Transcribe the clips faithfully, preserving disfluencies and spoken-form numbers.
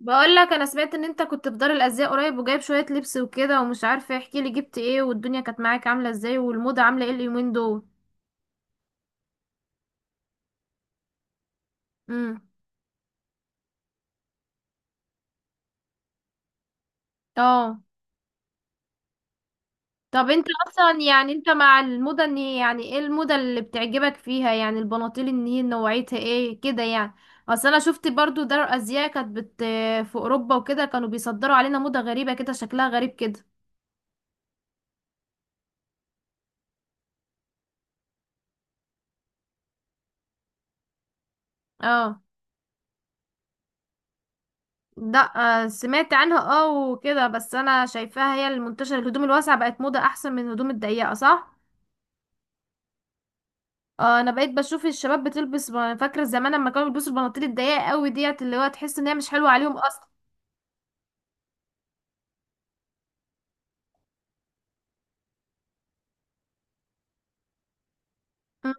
بقول لك انا سمعت ان انت كنت في دار الازياء قريب وجايب شويه لبس وكده، ومش عارفه، احكي لي جبت ايه، والدنيا كانت معاك عامله ازاي، والموضه عامله ايه اليومين دول؟ امم. اه. طب انت اصلا يعني انت مع الموضه، ان هي يعني ايه الموضه اللي بتعجبك فيها؟ يعني البناطيل ان هي نوعيتها ايه كده يعني؟ اصل انا شفت برضو دار الازياء كانت بت في اوروبا وكده، كانوا بيصدروا علينا موضه غريبه كده، شكلها غريب كده. اه. ده آه، سمعت عنها، اه وكده، بس انا شايفاها هي المنتشره، الهدوم الواسعه بقت موضه احسن من الهدوم الضيقه، صح؟ آه، انا بقيت بشوف الشباب بتلبس ب- فاكره زمان لما كانوا بيلبسوا البناطيل الضيقه قوي ديت، اللي هو تحس ان هي مش حلوه عليهم اصلا. م.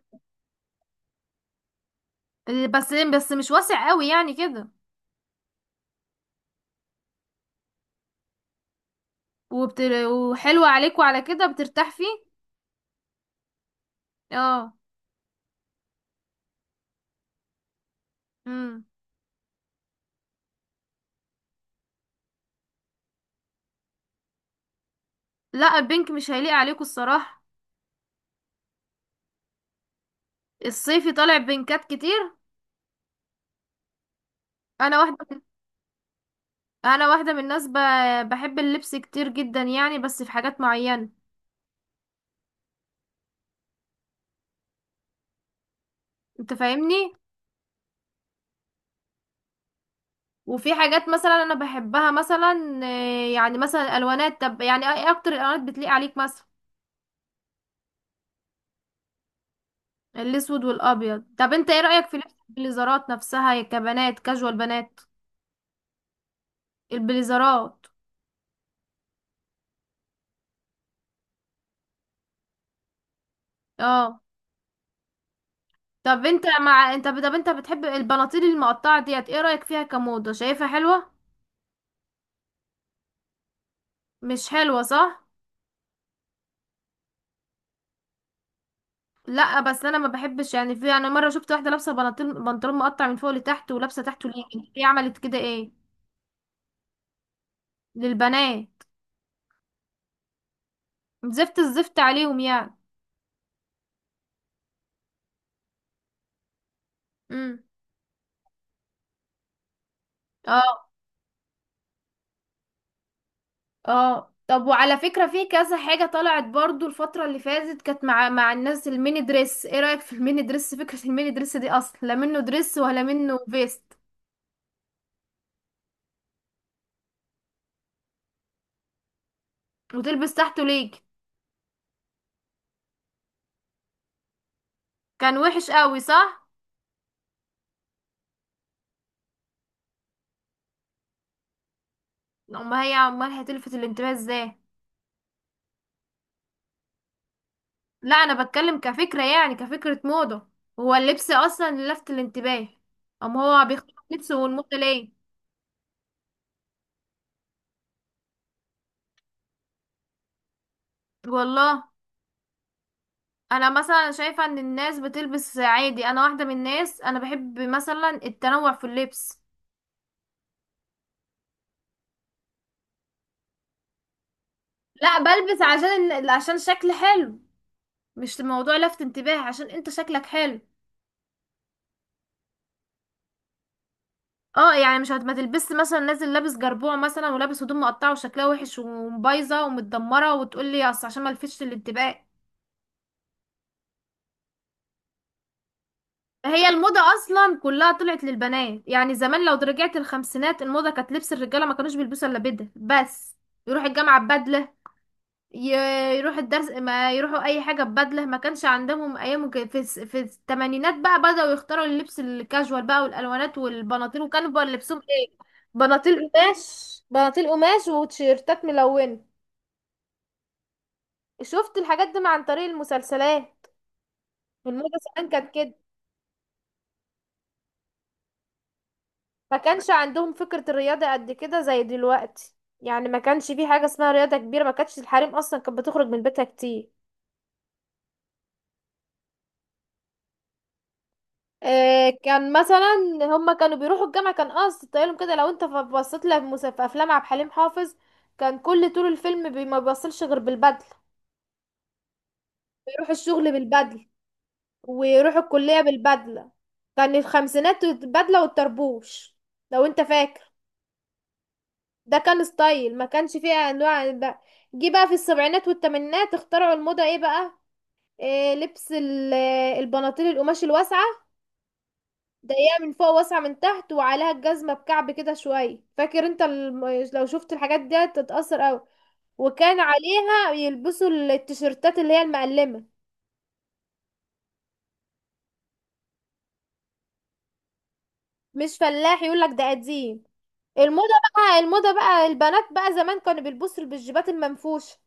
بس بس مش واسع قوي يعني كده. وبت... وحلوه عليكوا على كده، بترتاح فيه. اه. امم. لا، البينك مش هيليق عليكوا الصراحه. الصيفي طالع بينكات كتير. انا واحده من... انا واحده من الناس ب... بحب اللبس كتير جدا يعني، بس في حاجات معينه. انت فاهمني. وفي حاجات مثلا انا بحبها مثلا، آه، يعني مثلا الالوانات. طب يعني ايه اكتر الالوانات بتليق عليك مثلا؟ الاسود والابيض. طب انت ايه رايك في لبس البليزرات نفسها يا كبنات، كاجوال بنات؟ البليزرات. اه. طب انت مع انت طب انت بتحب البناطيل المقطعه ديت، ايه رايك فيها كموضه؟ شايفها حلوه؟ مش حلوه صح؟ لا، بس انا ما بحبش، يعني في، انا مره شفت واحده لابسه بناطيل، بنطلون مقطع من فوق لتحت، ولابسه تحته ليك. هي عملت كده ايه؟ للبنات. زفت الزفت عليهم يعني. امم. اه. اه، طب وعلى فكرة في كذا حاجة طلعت برضو الفترة اللي فاتت، كانت مع مع الناس الميني دريس، ايه رأيك في الميني دريس؟ فكرة الميني دريس دي اصلا لا منه دريس ولا منه فيست. وتلبس تحته ليج. كان وحش قوي، صح؟ امال هي امال هتلفت الانتباه ازاي؟ لا، انا بتكلم كفكرة، يعني كفكرة موضة. هو اللبس اصلا اللي لفت الانتباه. ام هو بيختار لبسه والموضة ليه؟ والله. انا مثلا شايفة ان الناس بتلبس عادي، انا واحدة من الناس، انا بحب مثلا التنوع في اللبس. لا، بلبس عشان إن- عشان شكل حلو، مش موضوع لفت انتباه، عشان انت شكلك حلو. اه يعني مش هت- ما تلبس مثلا نازل لابس جربوع مثلا، ولابس هدوم مقطعة وشكلها وحش وبايظة ومتدمرة، وتقولي اصل عشان ما لفتش الانتباه. هي الموضة اصلا كلها طلعت للبنات يعني، زمان لو رجعت الخمسينات الموضة كانت لبس الرجالة، ما كانوش بيلبسوا الا بدل بس. يروح الجامعة ببدلة، ي- يروح الدرس، ما يروحوا اي حاجه ببدله، ما كانش عندهم ايام كده. في الس- في الثمانينات بقى بداوا يختاروا اللبس الكاجوال بقى، والالوانات والبناطيل، وكانوا بقى لبسهم ايه؟ بناطيل قماش، بناطيل قماش، وتيشيرتات ملونه. شفت الحاجات دي مع- عن طريق المسلسلات والموضه، زمان كانت كده. ما كانش عندهم فكره الرياضه قد كده زي دلوقتي. يعني ما كانش في حاجه اسمها رياضه كبيره، ما كانتش الحريم اصلا كانت بتخرج من بيتها كتير. آه، كان مثلا هما كانوا بيروحوا الجامعة، كان قصد طيالهم كده، لو انت ف- بصيت لها في مس- في افلام عبد الحليم حافظ، كان كل طول الفيلم بي- ما بيبصلش غير بالبدلة. بيروح الشغل بالبدلة، ويروح الكلية بالبدلة، كان الخمسينات البدلة والطربوش، لو انت فاكر. ده كان ستايل، ما كانش فيه انواع بقى. جه بقى في السبعينات والثمانينات، اخترعوا الموضة ايه بقى؟ إيه لبس ال- البناطيل القماش الواسعة، ضيقة من فوق واسعة من تحت، وعليها الجزمة بكعب كده شوية، فاكر انت الم... لو شفت الحاجات دي تتأثر اوي. وكان عليها يلبسوا التيشيرتات اللي هي المقلمة. مش فلاح، يقولك ده قديم، الموضة. بقى الموضة بقى البنات بقى، زمان كانوا بيلبسوا بالجيبات المنفوشة،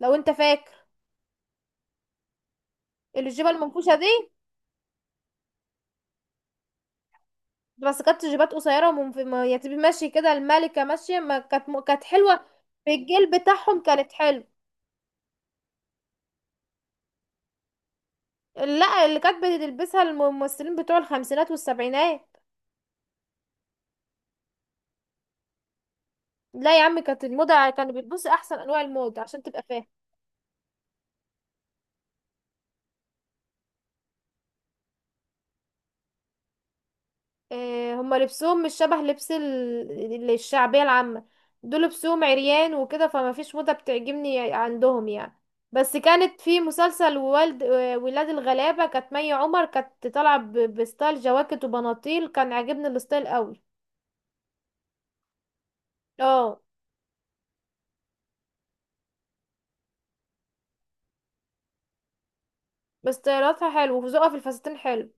لو انت فاكر، الجيبة المنفوشة دي. بس كانت جيبات قصيرة ومنف... ما- يعني تبقى ماشي كده الملكة ماشية، ما كانت م... كانت حلوة. بالجيل بتاعهم كانت حلوة. لا، اللي كانت بتلبسها الممثلين بتوع الخمسينات والسبعينات. لا يا عم كانت الموضة، كانوا بيلبسوا احسن انواع الموضة عشان تبقى فاهم. آه هما لبسهم مش شبه لبس ال- ال- الشعبية العامة. دول لبسهم عريان وكده، فما فيش موضة بتعجبني عندهم يعني. بس كانت في مسلسل والد آه، ولاد الغلابة، كانت مي عمر كانت طالعة ب- بستايل جواكت وبناطيل، كان عاجبني الستايل قوي. اه. بس طياراتها حلو وذوقها في الفساتين حلو،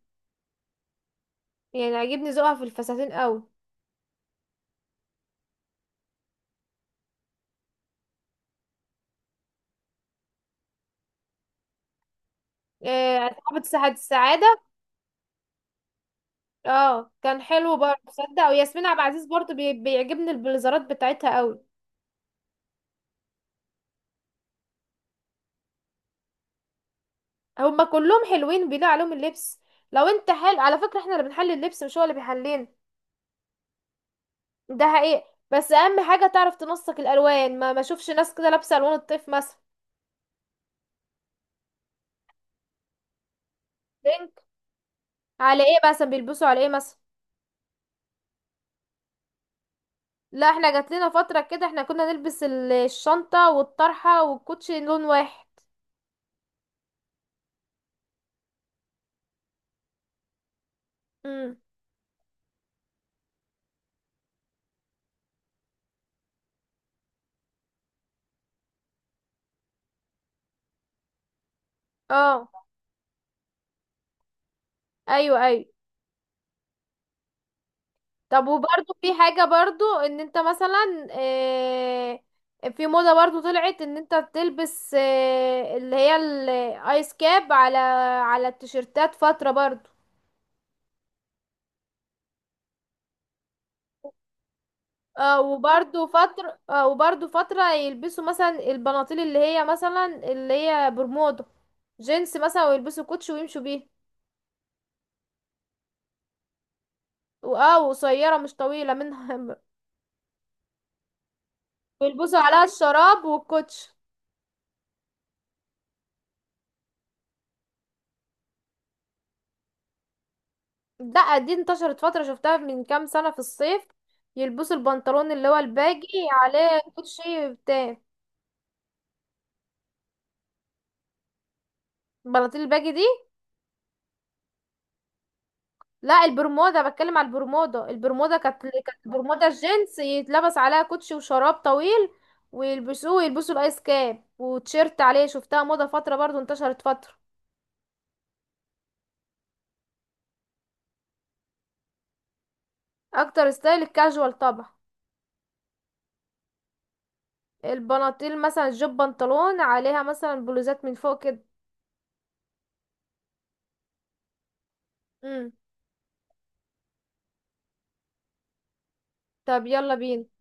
يعني عاجبني ذوقها في الفساتين قوي. آه، صاحبة سعد السعادة. اه، كان حلو برضه تصدق، وياسمين عبد العزيز برضه بي... بيعجبني البليزرات بتاعتها قوي. هما كلهم حلوين بيليق عليهم اللبس. لو انت حلو، على فكرة احنا اللي بنحلي اللبس مش هو اللي بيحلينا. ده حقيقي. بس اهم حاجة تعرف تنسق الالوان، ما ما اشوفش ناس كده لابسة الوان الطيف مثلا. بينك. على ايه مثلا بيلبسوا على ايه مثلا؟ لا، احنا جات لنا فترة كده احنا كنا نلبس ال- الشنطة والطرحة والكوتشي لون واحد. امم. اه، ايوه ايوه. طب وبرضو في حاجة برضو ان انت مثلا آه، في موضة برضو طلعت ان انت تلبس آه، اللي هي الايس كاب، على على التيشيرتات فترة برضو. آه، وبرضو فترة آه، وبرضو فترة يلبسوا مثلا البناطيل اللي هي مثلا، اللي هي برمودا، جينز مثلا، ويلبسوا كوتش ويمشوا بيه. واه قصيرة مش طويلة منها. ويلبسوا عليها الشراب والكوتش. لا، دي انتشرت فترة، شفتها من كام سنة في الصيف يلبسوا البنطلون اللي هو الباجي، عليه كوتشي بتاع بناطيل الباجي دي. لا، البرمودا، بتكلم على البرمودا. البرمودا كانت كانت برمودا الجينز يتلبس عليها كوتشي وشراب طويل، ويلبسوه يلبسوا الايس كاب وتيشيرت عليه، شفتها موضة فترة برضو، انتشرت فترة. اكتر ستايل الكاجوال طبعا. البناطيل مثلا جيب بنطلون عليها مثلا بلوزات من فوق كده. امم. طب يلا بينا.